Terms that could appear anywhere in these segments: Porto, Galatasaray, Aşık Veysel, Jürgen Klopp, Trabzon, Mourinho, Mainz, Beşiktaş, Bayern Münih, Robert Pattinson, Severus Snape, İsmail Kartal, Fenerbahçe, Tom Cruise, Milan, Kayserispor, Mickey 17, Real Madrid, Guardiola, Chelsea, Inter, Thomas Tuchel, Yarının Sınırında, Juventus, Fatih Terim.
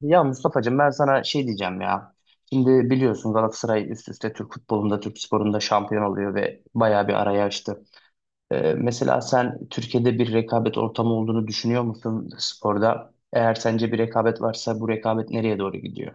Ya Mustafa'cığım ben sana şey diyeceğim ya. Şimdi biliyorsun Galatasaray üst üste Türk futbolunda, Türk sporunda şampiyon oluyor ve bayağı bir araya açtı. Mesela sen Türkiye'de bir rekabet ortamı olduğunu düşünüyor musun sporda? Eğer sence bir rekabet varsa bu rekabet nereye doğru gidiyor?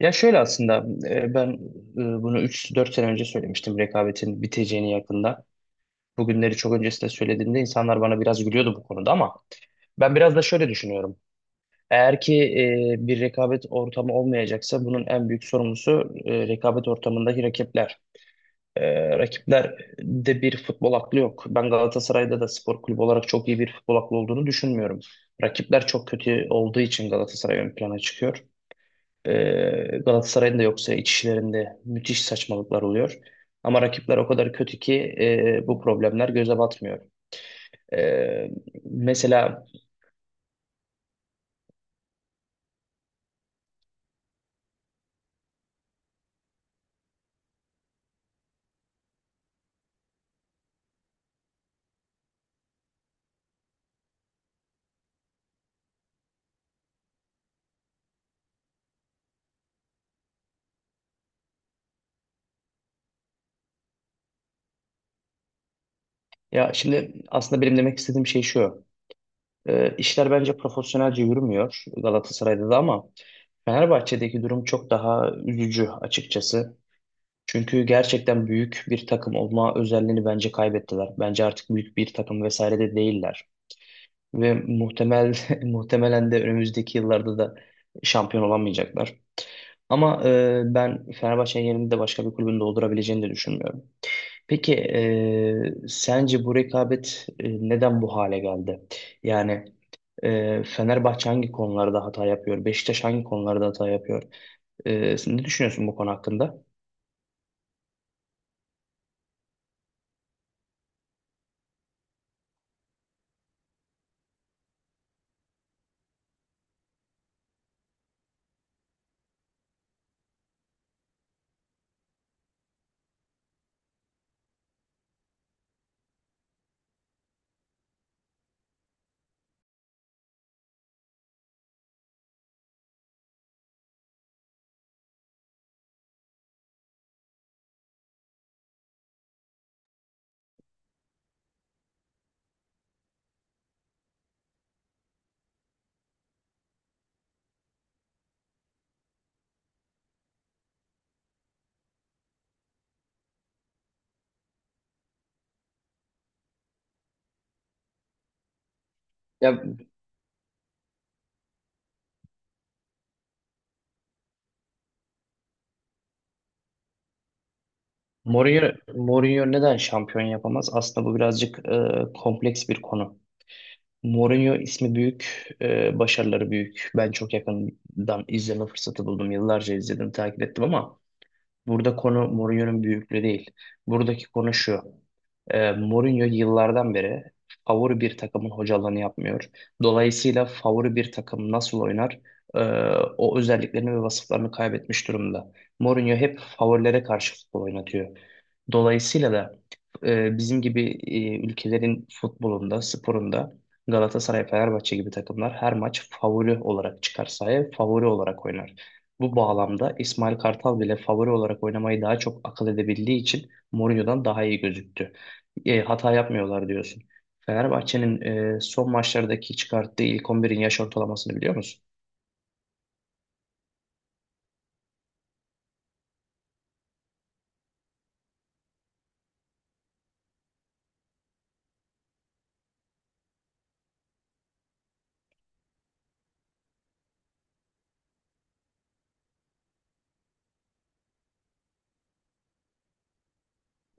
Ya şöyle aslında, ben bunu 3-4 sene önce söylemiştim rekabetin biteceğini yakında. Bugünleri çok öncesinde söylediğimde insanlar bana biraz gülüyordu bu konuda, ama ben biraz da şöyle düşünüyorum. Eğer ki bir rekabet ortamı olmayacaksa, bunun en büyük sorumlusu rekabet ortamındaki rakipler. Rakipler de bir futbol aklı yok. Ben Galatasaray'da da spor kulübü olarak çok iyi bir futbol aklı olduğunu düşünmüyorum. Rakipler çok kötü olduğu için Galatasaray ön plana çıkıyor. E, Galatasaray'ın da yoksa iç işlerinde müthiş saçmalıklar oluyor. Ama rakipler o kadar kötü ki bu problemler göze batmıyor. E, mesela ya şimdi aslında benim demek istediğim şey şu. E, işler bence profesyonelce yürümüyor Galatasaray'da da, ama Fenerbahçe'deki durum çok daha üzücü açıkçası. Çünkü gerçekten büyük bir takım olma özelliğini bence kaybettiler. Bence artık büyük bir takım vesaire de değiller. Ve muhtemelen de önümüzdeki yıllarda da şampiyon olamayacaklar. Ama ben Fenerbahçe'nin yerini de başka bir kulübün doldurabileceğini de düşünmüyorum. Peki, sence bu rekabet neden bu hale geldi? Yani, Fenerbahçe hangi konularda hata yapıyor? Beşiktaş hangi konularda hata yapıyor? Sen ne düşünüyorsun bu konu hakkında? Ya Mourinho neden şampiyon yapamaz? Aslında bu birazcık kompleks bir konu. Mourinho ismi büyük, başarıları büyük. Ben çok yakından izleme fırsatı buldum. Yıllarca izledim, takip ettim, ama burada konu Mourinho'nun büyüklüğü değil. Buradaki konu şu. Mourinho yıllardan beri favori bir takımın hocalığını yapmıyor. Dolayısıyla favori bir takım nasıl oynar? e, o özelliklerini ve vasıflarını kaybetmiş durumda. Mourinho hep favorilere karşı futbol oynatıyor. Dolayısıyla da bizim gibi ülkelerin futbolunda, sporunda Galatasaray, Fenerbahçe gibi takımlar her maç favori olarak çıkar sahaya, favori olarak oynar. Bu bağlamda İsmail Kartal bile favori olarak oynamayı daha çok akıl edebildiği için Mourinho'dan daha iyi gözüktü. Hata yapmıyorlar diyorsun. Fenerbahçe'nin son maçlardaki çıkarttığı ilk 11'in yaş ortalamasını biliyor musun?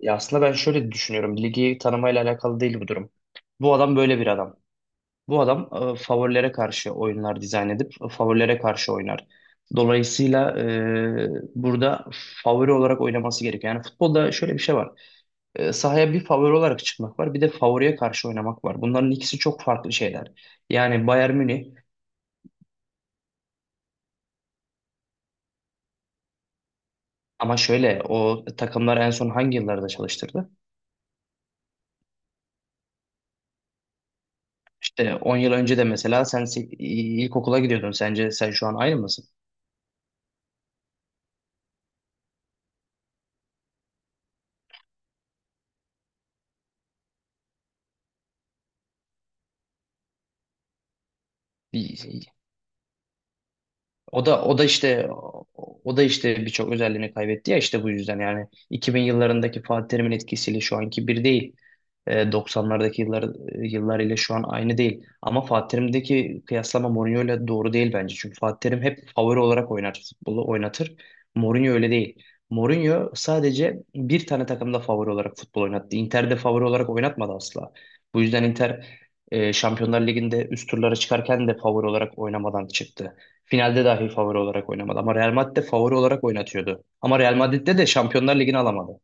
Ya aslında ben şöyle düşünüyorum. Ligi tanımayla alakalı değil bu durum. Bu adam böyle bir adam. Bu adam favorilere karşı oyunlar dizayn edip favorilere karşı oynar. Dolayısıyla burada favori olarak oynaması gerekiyor. Yani futbolda şöyle bir şey var. Sahaya bir favori olarak çıkmak var, bir de favoriye karşı oynamak var. Bunların ikisi çok farklı şeyler. Yani Bayern Münih ama şöyle, o takımlar en son hangi yıllarda çalıştırdı? İşte 10 yıl önce de mesela sen ilkokula gidiyordun. Sence sen şu an aynı mısın? O da o da işte o da işte birçok özelliğini kaybetti ya, işte bu yüzden yani 2000 yıllarındaki Fatih Terim'in etkisiyle şu anki bir değil. 90'lardaki yıllar ile şu an aynı değil. Ama Fatih Terim'deki kıyaslama Mourinho ile doğru değil bence. Çünkü Fatih Terim hep favori olarak oynar, futbolu oynatır. Mourinho öyle değil. Mourinho sadece bir tane takımda favori olarak futbol oynattı. Inter'de favori olarak oynatmadı asla. Bu yüzden Inter Şampiyonlar Ligi'nde üst turlara çıkarken de favori olarak oynamadan çıktı. Finalde dahi favori olarak oynamadı. Ama Real Madrid de favori olarak oynatıyordu. Ama Real Madrid'de de Şampiyonlar Ligi'ni alamadı.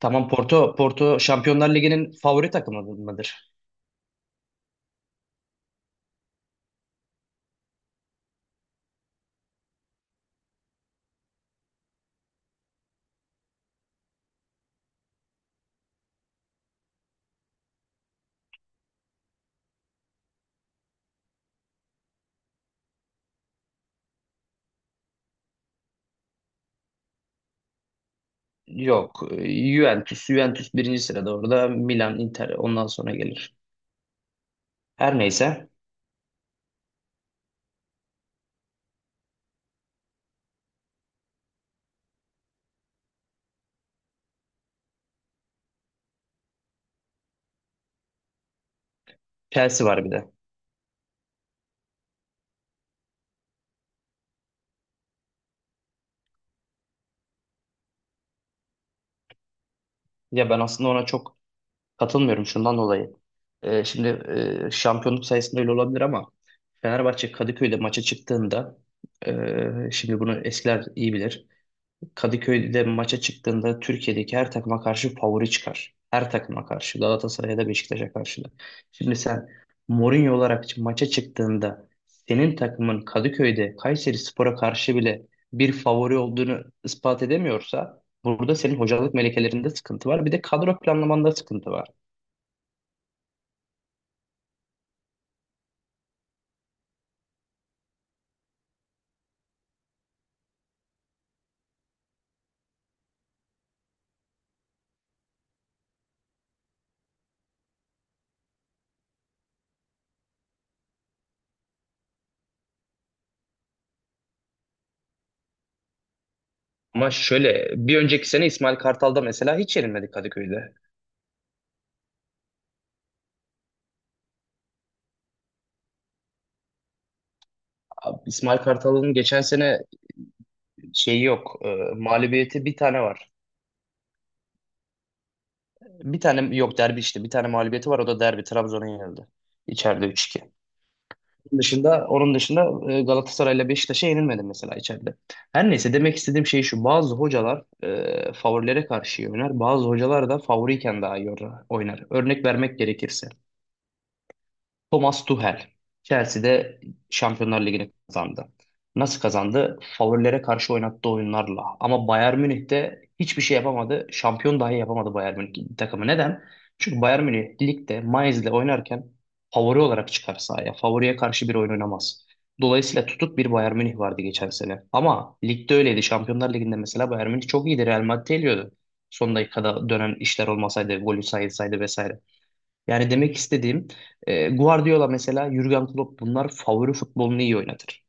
Tamam, Porto Şampiyonlar Ligi'nin favori takımı mıdır? Yok. Juventus birinci sırada orada. Milan, Inter ondan sonra gelir. Her neyse. Chelsea var bir de. Ya ben aslında ona çok katılmıyorum şundan dolayı. Şimdi şampiyonluk sayısında öyle olabilir, ama Fenerbahçe Kadıköy'de maça çıktığında, şimdi bunu eskiler iyi bilir. Kadıköy'de maça çıktığında Türkiye'deki her takıma karşı favori çıkar. Her takıma karşı. Galatasaray'a da Beşiktaş'a karşı da. Şimdi sen Mourinho olarak maça çıktığında senin takımın Kadıköy'de Kayserispor'a karşı bile bir favori olduğunu ispat edemiyorsa, burada senin hocalık melekelerinde sıkıntı var. Bir de kadro planlamanda sıkıntı var. Ama şöyle, bir önceki sene İsmail Kartal'da mesela hiç yenilmedi Kadıköy'de. Abi, İsmail Kartal'ın geçen sene şeyi yok. Mağlubiyeti bir tane var. Bir tane yok derbi işte. Bir tane mağlubiyeti var. O da derbi. Trabzon'a yenildi. İçeride üç 2. Onun dışında, Galatasaray'la Beşiktaş'a yenilmedi mesela içeride. Her neyse, demek istediğim şey şu. Bazı hocalar favorilere karşı iyi oynar. Bazı hocalar da favoriyken daha iyi oynar. Örnek vermek gerekirse, Thomas Tuchel Chelsea'de Şampiyonlar Ligi'ni kazandı. Nasıl kazandı? Favorilere karşı oynattığı oyunlarla. Ama Bayern Münih'te hiçbir şey yapamadı. Şampiyon dahi yapamadı Bayern Münih takımı. Neden? Çünkü Bayern Münih ligde Mainz'le oynarken favori olarak çıkar sahaya. Favoriye karşı bir oyun oynamaz. Dolayısıyla tutuk bir Bayern Münih vardı geçen sene. Ama ligde öyleydi. Şampiyonlar Ligi'nde mesela Bayern Münih çok iyiydi. Real Madrid'i eliyordu. Son dakikada dönen işler olmasaydı, golü sayılsaydı vesaire. Yani demek istediğim, Guardiola mesela, Jürgen Klopp, bunlar favori futbolunu iyi oynatır.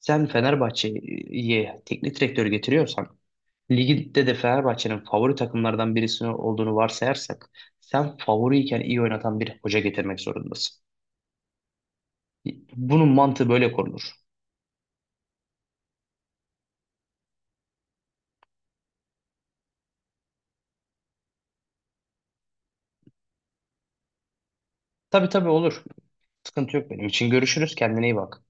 Sen Fenerbahçe'ye teknik direktör getiriyorsan, ligde de Fenerbahçe'nin favori takımlardan birisi olduğunu varsayarsak, sen favoriyken iyi oynatan bir hoca getirmek zorundasın. Bunun mantığı böyle korunur. Tabii tabii, olur. Sıkıntı yok benim için. Görüşürüz. Kendine iyi bak.